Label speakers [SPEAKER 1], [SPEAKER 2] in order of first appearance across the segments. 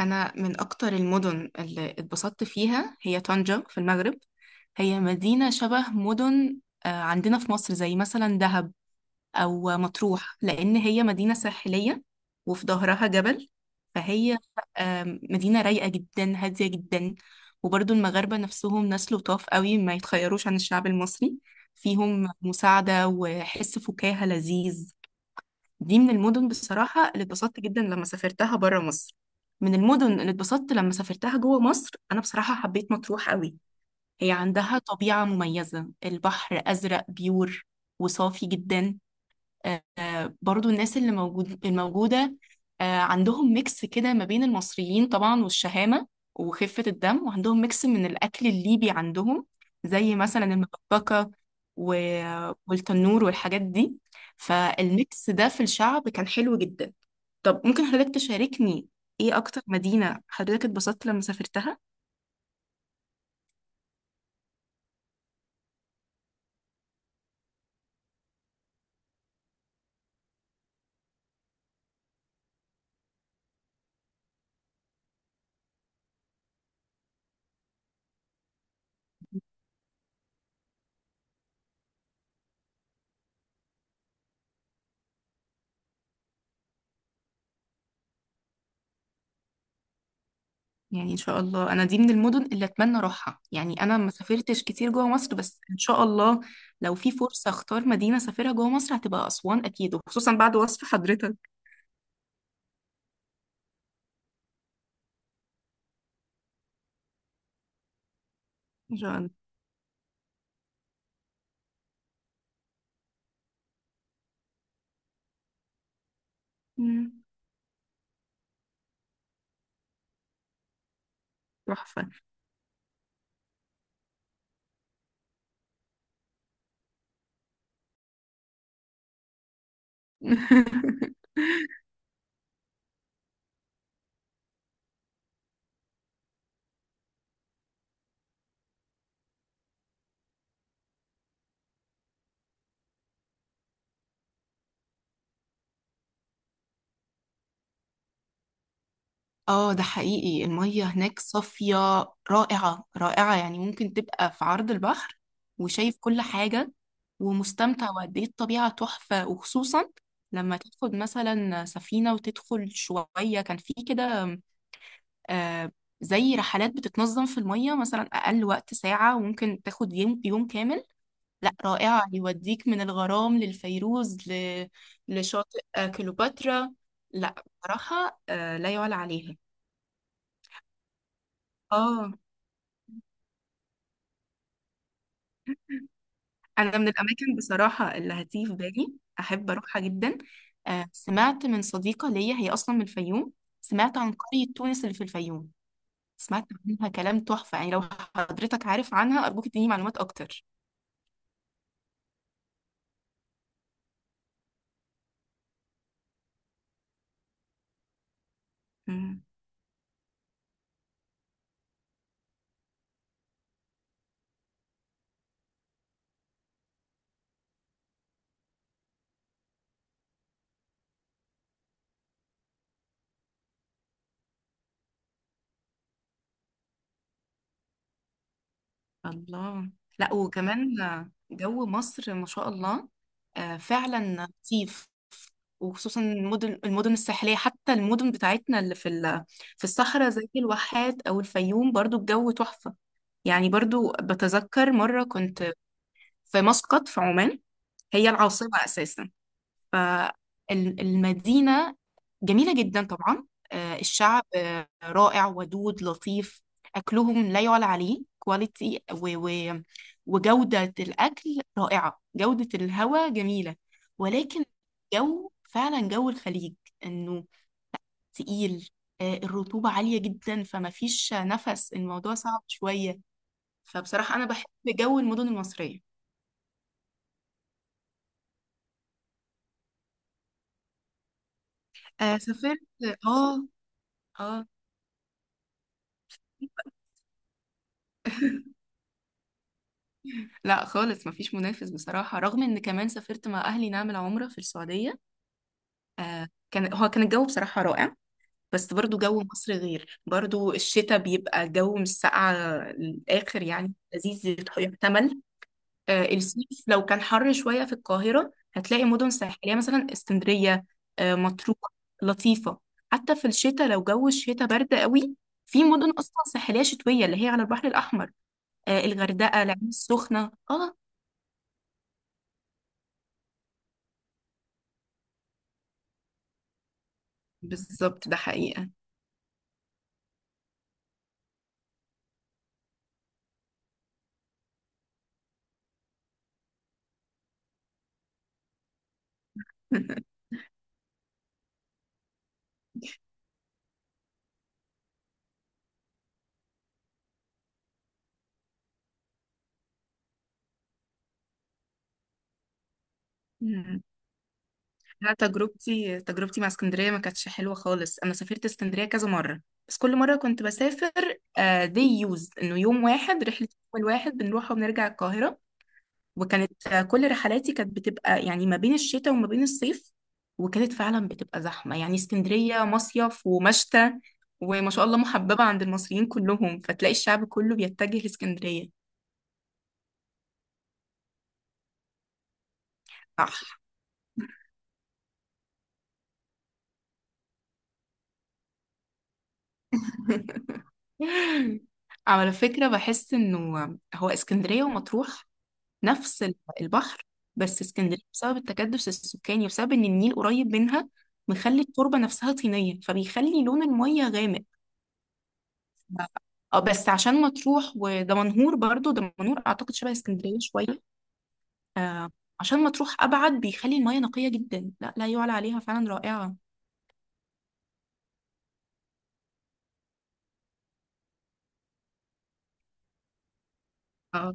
[SPEAKER 1] أنا من أكتر المدن اللي اتبسطت فيها هي طنجة في المغرب. هي مدينة شبه مدن عندنا في مصر زي مثلا دهب أو مطروح، لأن هي مدينة ساحلية وفي ظهرها جبل. فهي مدينة رايقة جدا، هادية جدا. وبرضو المغاربة نفسهم ناس لطاف قوي، ما يتخيروش عن الشعب المصري. فيهم مساعدة وحس فكاهة لذيذ. دي من المدن بصراحة اللي اتبسطت جدا لما سافرتها برا مصر. من المدن اللي اتبسطت لما سافرتها جوه مصر، أنا بصراحة حبيت مطروح قوي. هي عندها طبيعة مميزة، البحر أزرق بيور وصافي جدا. برضو الناس اللي موجود الموجودة، عندهم ميكس كده ما بين المصريين طبعا والشهامة وخفة الدم، وعندهم ميكس من الأكل الليبي عندهم زي مثلا المبكبكة و... والتنور والحاجات دي. فالميكس ده في الشعب كان حلو جدا. طب ممكن حضرتك تشاركني، ايه أكتر مدينة حضرتك اتبسطت لما سافرتها؟ يعني ان شاء الله، انا دي من المدن اللي اتمنى اروحها. يعني انا ما سافرتش كتير جوه مصر، بس ان شاء الله لو في فرصة اختار مدينة اسافرها جوه مصر، هتبقى اسوان اكيد، وخصوصا بعد وصف حضرتك. ان شاء الله. مم. تحفة. اه، ده حقيقي، المية هناك صافية، رائعة رائعة. يعني ممكن تبقى في عرض البحر وشايف كل حاجة ومستمتع، وقد ايه الطبيعة تحفة. وخصوصا لما تاخد مثلا سفينة وتدخل شوية كان في كده، آه، زي رحلات بتتنظم في المية، مثلا أقل وقت ساعة وممكن تاخد يوم، يوم كامل. لا رائعة، يوديك من الغرام للفيروز لشاطئ كليوباترا. لا بصراحة لا يعلى عليها. اه. أنا من الأماكن بصراحة اللي هتيجي في بالي أحب أروحها جدا. سمعت من صديقة ليا، هي أصلا من الفيوم. سمعت عن قرية تونس اللي في الفيوم. سمعت عنها كلام تحفة. يعني لو حضرتك عارف عنها، أرجوك تديني معلومات أكتر. الله. لا، وكمان جو مصر ما شاء الله فعلا لطيف، وخصوصا المدن الساحليه. حتى المدن بتاعتنا اللي في في الصحراء، زي الواحات او الفيوم، برضو الجو تحفه. يعني برضو بتذكر مره كنت في مسقط في عمان، هي العاصمه اساسا. فالمدينة جميلة جدا طبعا. الشعب رائع ودود لطيف. أكلهم لا يعلى عليه، كواليتي وجودة الأكل رائعة، جودة الهواء جميلة. ولكن جو فعلا جو الخليج، إنه تقيل، الرطوبة عالية جدا، فما فيش نفس، الموضوع صعب شوية. فبصراحة أنا بحب جو المدن المصرية. سافرت. اه. اه. لا خالص، مفيش منافس بصراحة. رغم ان كمان سافرت مع اهلي نعمل عمرة في السعودية، آه كان، هو كان الجو بصراحة رائع، بس برضو جو مصر غير. برضو الشتاء بيبقى جو مش ساقعة الآخر، يعني لذيذ يحتمل. آه الصيف لو كان حر شوية في القاهرة، هتلاقي مدن ساحلية يعني مثلا اسكندرية، آه مطروح، لطيفة. حتى في الشتاء لو جو الشتاء برد قوي، في مدن أصلا ساحلية شتوية اللي هي على البحر الأحمر، آه الغردقة، العين السخنة. اه بالظبط، ده حقيقة. مم. انا تجربتي مع اسكندريه ما كانتش حلوه خالص. انا سافرت اسكندريه كذا مره، بس كل مره كنت بسافر دي يوز انه يوم واحد رحله، يوم واحد بنروح وبنرجع القاهره. وكانت كل رحلاتي كانت بتبقى يعني ما بين الشتاء وما بين الصيف، وكانت فعلا بتبقى زحمه. يعني اسكندريه مصيف ومشتى، وما شاء الله محببه عند المصريين كلهم، فتلاقي الشعب كله بيتجه لاسكندريه. صح. على فكرة بحس انه هو اسكندرية ومطروح نفس البحر، بس اسكندرية بسبب التكدس السكاني وبسبب ان النيل قريب منها، مخلي التربة نفسها طينية، فبيخلي لون المية غامق. اه، بس عشان مطروح ودمنهور، برضو دمنهور اعتقد شبه اسكندرية شوية. آه عشان مطروح ابعد، بيخلي المية نقية جدا، لا لا يعلى عليها فعلا، رائعة. آه.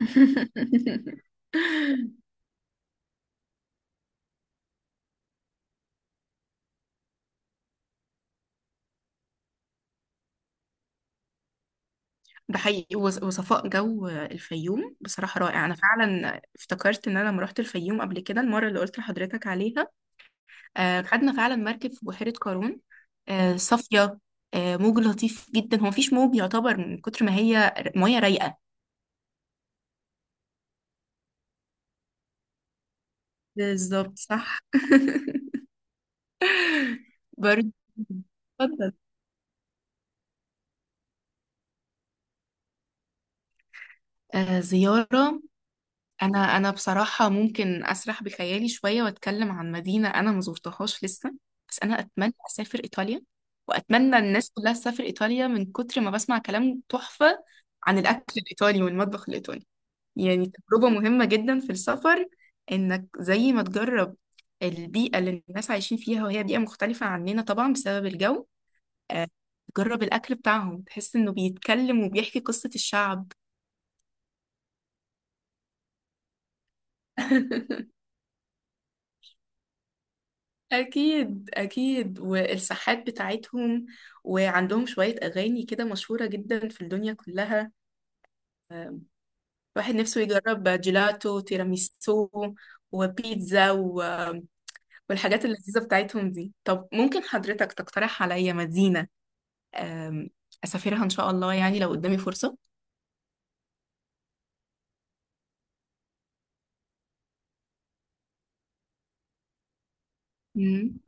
[SPEAKER 1] اه ده حقيقي. وصفاء جو الفيوم بصراحة رائع. أنا فعلا افتكرت إن أنا لما رحت الفيوم قبل كده، المرة اللي قلت لحضرتك عليها، خدنا فعلا مركب في بحيرة قارون صافية، موج لطيف جدا، هو مفيش موج يعتبر، من كتر ما هي مية رايقة. بالظبط صح. برضه. اتفضل. زيارة. انا انا بصراحه ممكن اسرح بخيالي شويه واتكلم عن مدينه انا ما زرتهاش لسه. بس انا اتمنى اسافر ايطاليا، واتمنى الناس كلها تسافر ايطاليا، من كتر ما بسمع كلام تحفه عن الاكل الايطالي والمطبخ الايطالي. يعني تجربه مهمه جدا في السفر، انك زي ما تجرب البيئه اللي الناس عايشين فيها، وهي بيئه مختلفه عننا طبعا بسبب الجو. آه، تجرب الاكل بتاعهم، تحس انه بيتكلم وبيحكي قصه الشعب. أكيد أكيد، والساحات بتاعتهم، وعندهم شوية أغاني كده مشهورة جدا في الدنيا كلها. آه، الواحد نفسه يجرب جيلاتو، تيراميسو، وبيتزا والحاجات اللذيذة بتاعتهم دي. طب ممكن حضرتك تقترح عليا مدينة آم، أسافرها إن شاء الله، يعني لو قدامي فرصة؟ مم.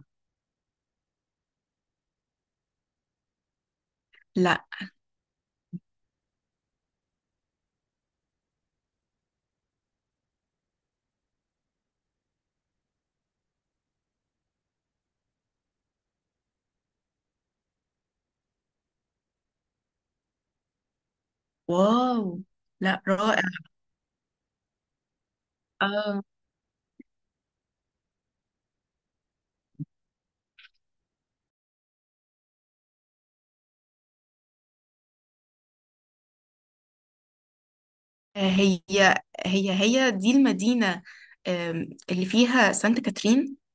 [SPEAKER 1] لا. واو. لا رائع. آه. هي هي دي المدينة اللي فيها سانت كاترين.